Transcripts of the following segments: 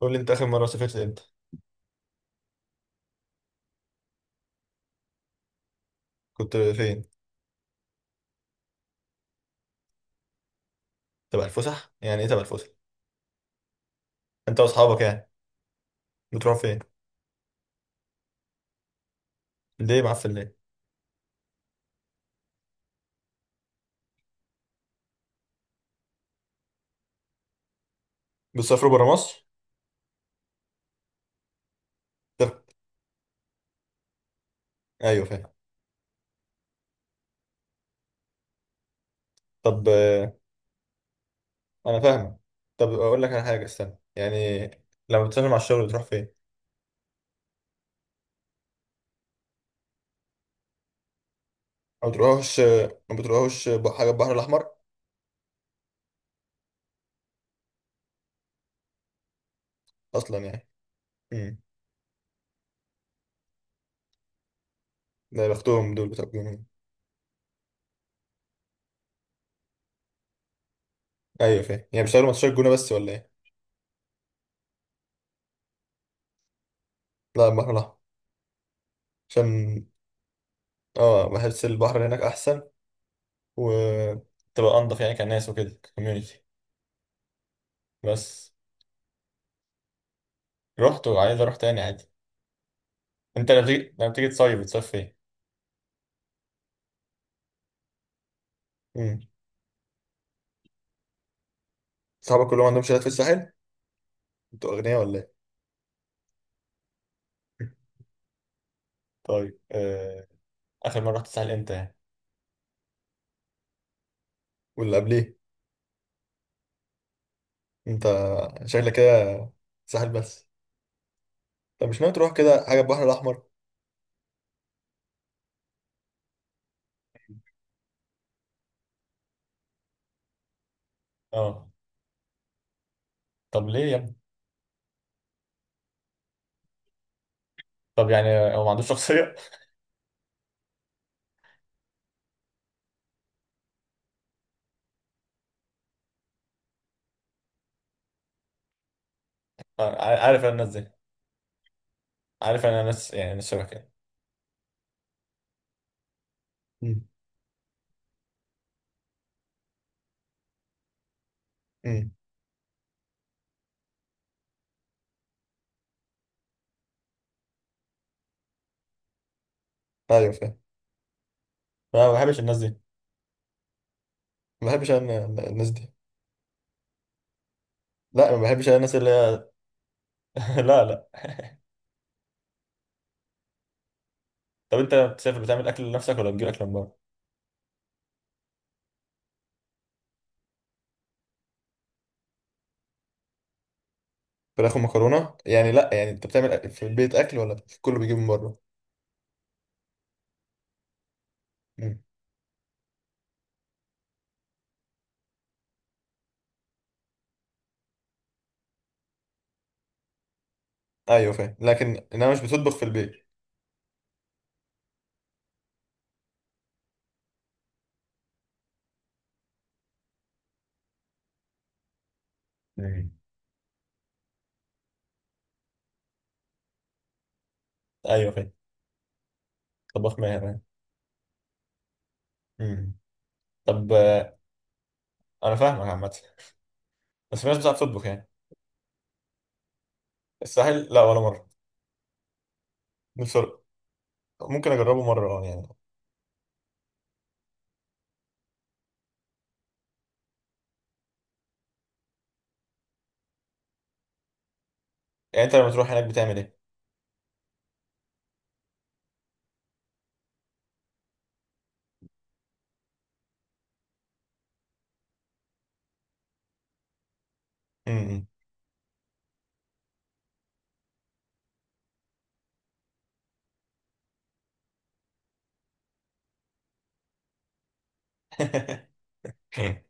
قول لي انت اخر مره سافرت امتى؟ كنت فين؟ تبع الفسح يعني ايه تبع الفسح؟ انت واصحابك يعني؟ بتروحوا فين؟ ليه معفن ليه؟ بتسافروا برا مصر؟ طب، ايوه فاهم. طب انا فاهم. طب اقول لك على حاجه، استنى يعني. لما بتسافر مع الشغل بتروح فين؟ ما بتروحوش، ما بتروحوش حاجه البحر الاحمر اصلا يعني؟ امم. ده يا بختهم دول بتوع الجونه. ايوه فاهم، يعني بيشتغلوا ماتشات الجونه بس ولا ايه؟ لا، البحر الاحمر. عشان اه بحس البحر هناك احسن، وتبقى انضف، يعني كناس وكده، كوميونتي. بس رحت وعايز اروح تاني عادي. انت لما بتيجي، لما بتيجي تصيف بتصيف فين؟ امم. صحابك كلهم عندهم شالات في الساحل؟ انتوا اغنياء ولا ايه؟ طيب. اخر مرة رحت الساحل امتى يعني؟ واللي قبليه؟ انت شكلك كده ساحل بس. طب مش ناوي تروح كده حاجه البحر الاحمر؟ اه. طب ليه يا ابني؟ طب يعني هو ما عندوش شخصية؟ عارف انا الناس دي. عارف انا ناس، يعني ناس شبه كده. امم. امم. ايوه فاهم. أنا ما بحبش الناس دي، ما بحبش انا الناس دي. لا، ما بحبش انا الناس اللي هي. لا لا. طب انت بتسافر بتعمل اكل لنفسك ولا بتجيب اكل من بره؟ فراخ ومكرونه يعني؟ لا، يعني انت بتعمل أكل في البيت اكل، ولا كله بيجيب من بره؟ مم. ايوه فاهم، لكن انا مش بتطبخ في البيت. مم. ايوه فاهم. طباخ ماهر يعني؟ مم. طب انا فاهمك عامه. بس في ناس بتعرف تطبخ يعني. الساحل لا، ولا مره. بصراحه ممكن اجربه مره، اه يعني. يعني انت لما تروح هناك بتعمل ايه؟ مم.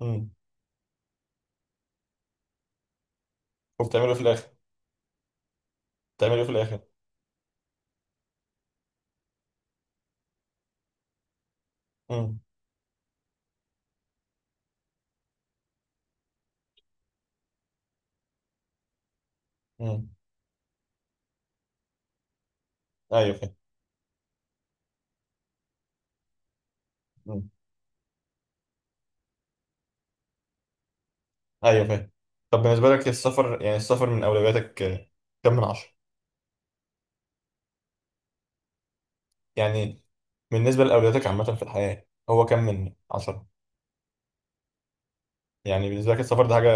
مم. وبتعمله في الاخر؟ بتعمله في الاخر. مم. مم. ايوه فاهم. ايوه فاهم. طب بالنسبه لك السفر، يعني السفر من اولوياتك كم من عشرة؟ يعني بالنسبه لاولوياتك عامه في الحياه هو كم من عشرة؟ يعني بالنسبه لك السفر ده حاجه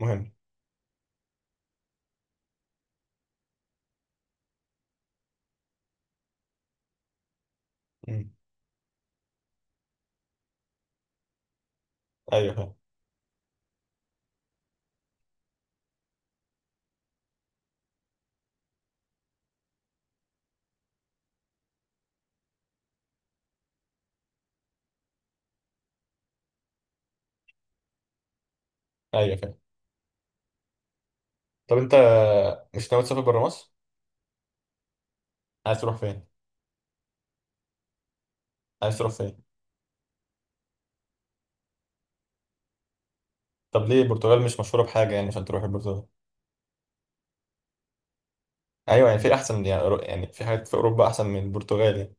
مهمه؟ مم. ايوه فاهم. ايوه فاهم. طب انت مش ناوي تسافر بره مصر؟ عايز تروح فين؟ عايز تروح فين؟ طب ليه البرتغال، مش مشهوره بحاجه يعني عشان تروح البرتغال؟ ايوه يعني في احسن، يعني في حاجات في اوروبا احسن من البرتغال يعني.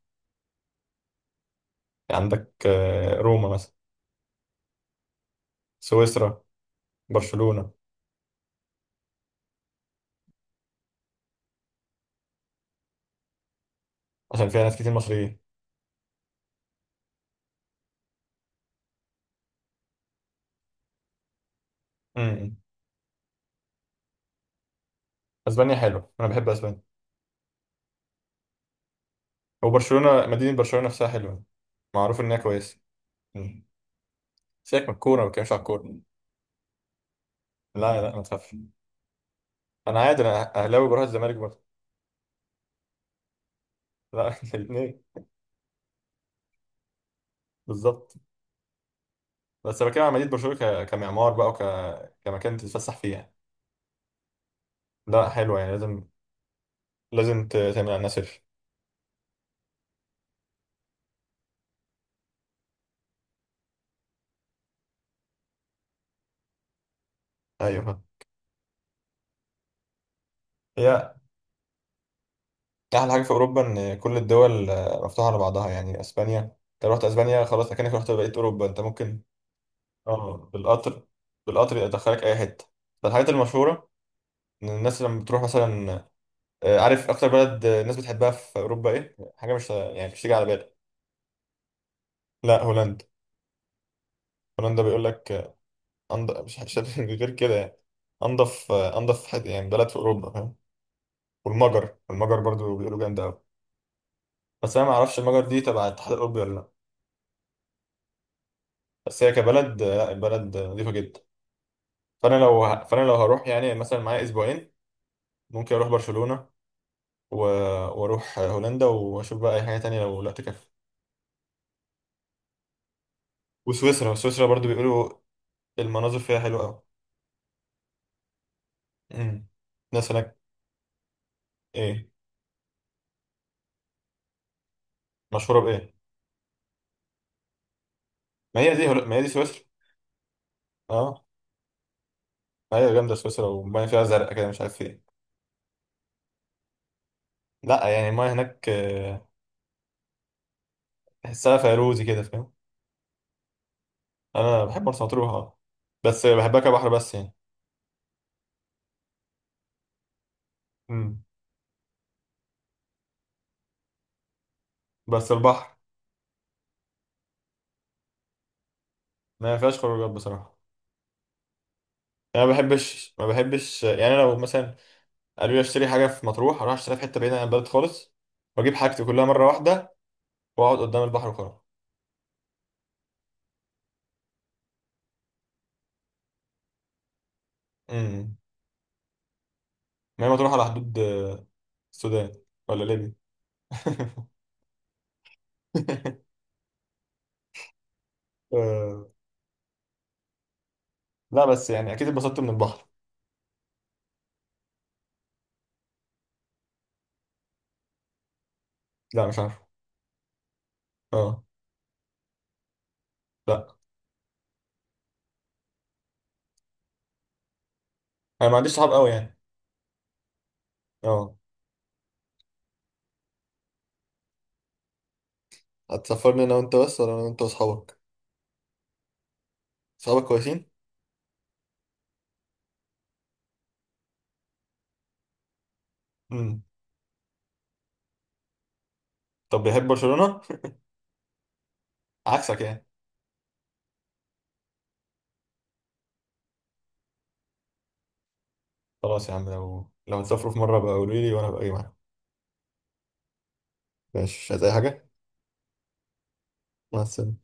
يعني عندك روما مثلا. سويسرا. برشلونه. عشان فيها ناس كتير مصريين. مم. اسبانيا حلوه، انا بحب اسبانيا. وبرشلونة، مدينة برشلونة نفسها حلوة، معروف إنها كويسة. مم. سيبك من الكورة، ما بتكلمش على الكورة. لا لا، ما تخافش. أنا عادي، أنا أهلاوي بروح الزمالك برضه. لا الاتنين. بالظبط. بس بتكلم على مدينة برشلونة، كمعمار بقى، كمكان تتفسح فيه يعني. لا حلوة يعني، لازم، لازم تعمل عنها سيرش. أيوه. هي أحلى حاجة في أوروبا إن كل الدول مفتوحة على بعضها. يعني أسبانيا، أنت رحت أسبانيا خلاص أكنك رحت بقية أوروبا أنت، ممكن. أه، بالقطر. بالقطر يدخلك أي حتة. ده الحاجات المشهورة. الناس لما بتروح مثلا عارف اكتر بلد الناس بتحبها في اوروبا ايه؟ حاجه مش، يعني مش تيجي على بالك. لا، هولندا. هولندا بيقول لك أنض... مش مش غير كده يعني، انضف، انضف حد يعني بلد في اوروبا، فاهم. والمجر، المجر برضو بيقولوا جامده قوي. بس انا ما اعرفش المجر دي تبع الاتحاد الاوروبي ولا لا. بس هي كبلد آه، لا البلد نظيفه جدا. فانا لو هروح يعني مثلا معايا اسبوعين، ممكن اروح برشلونه و... واروح هولندا، واشوف بقى اي حاجه تانية لو لا تكفي. وسويسرا، سويسرا برضو بيقولوا المناظر فيها حلوه قوي. امم. الناس هناك. ايه؟ مشهوره بايه؟ ما هي دي سويسرا. اه. ايوه جامده سويسرا، والميه فيها زرقاء كده، مش عارف ايه. لا يعني الميه هناك تحسها فيروزي كده، فاهم. انا بحب مرسى مطروح آه. بس بحبها كبحر بس يعني. امم. بس البحر. ما فيهاش خروجات بصراحه. انا ما بحبش، ما بحبش يعني. لو مثلا قالوا لي اشتري حاجه في مطروح، اروح اشتريها في حته بعيده عن البلد خالص، واجيب حاجتي كلها مره واحده، واقعد قدام البحر وخلاص. امم. ما هي مطروح على حدود السودان ولا ليبيا؟ آه، لا بس يعني اكيد اتبسطت من البحر. لا مش عارف. اه. لا، انا ما عنديش صحاب قوي يعني. اه. هتسافرني انا وانت بس، ولا انا وانت واصحابك؟ صحابك كويسين؟ امم. طب بيحب برشلونة؟ عكسك يعني. خلاص يا عم، لو تسافروا في مرة بقى قولوا لي، وانا بقى اجي معاكم. ماشي، مش عايز اي حاجه. مع السلامه.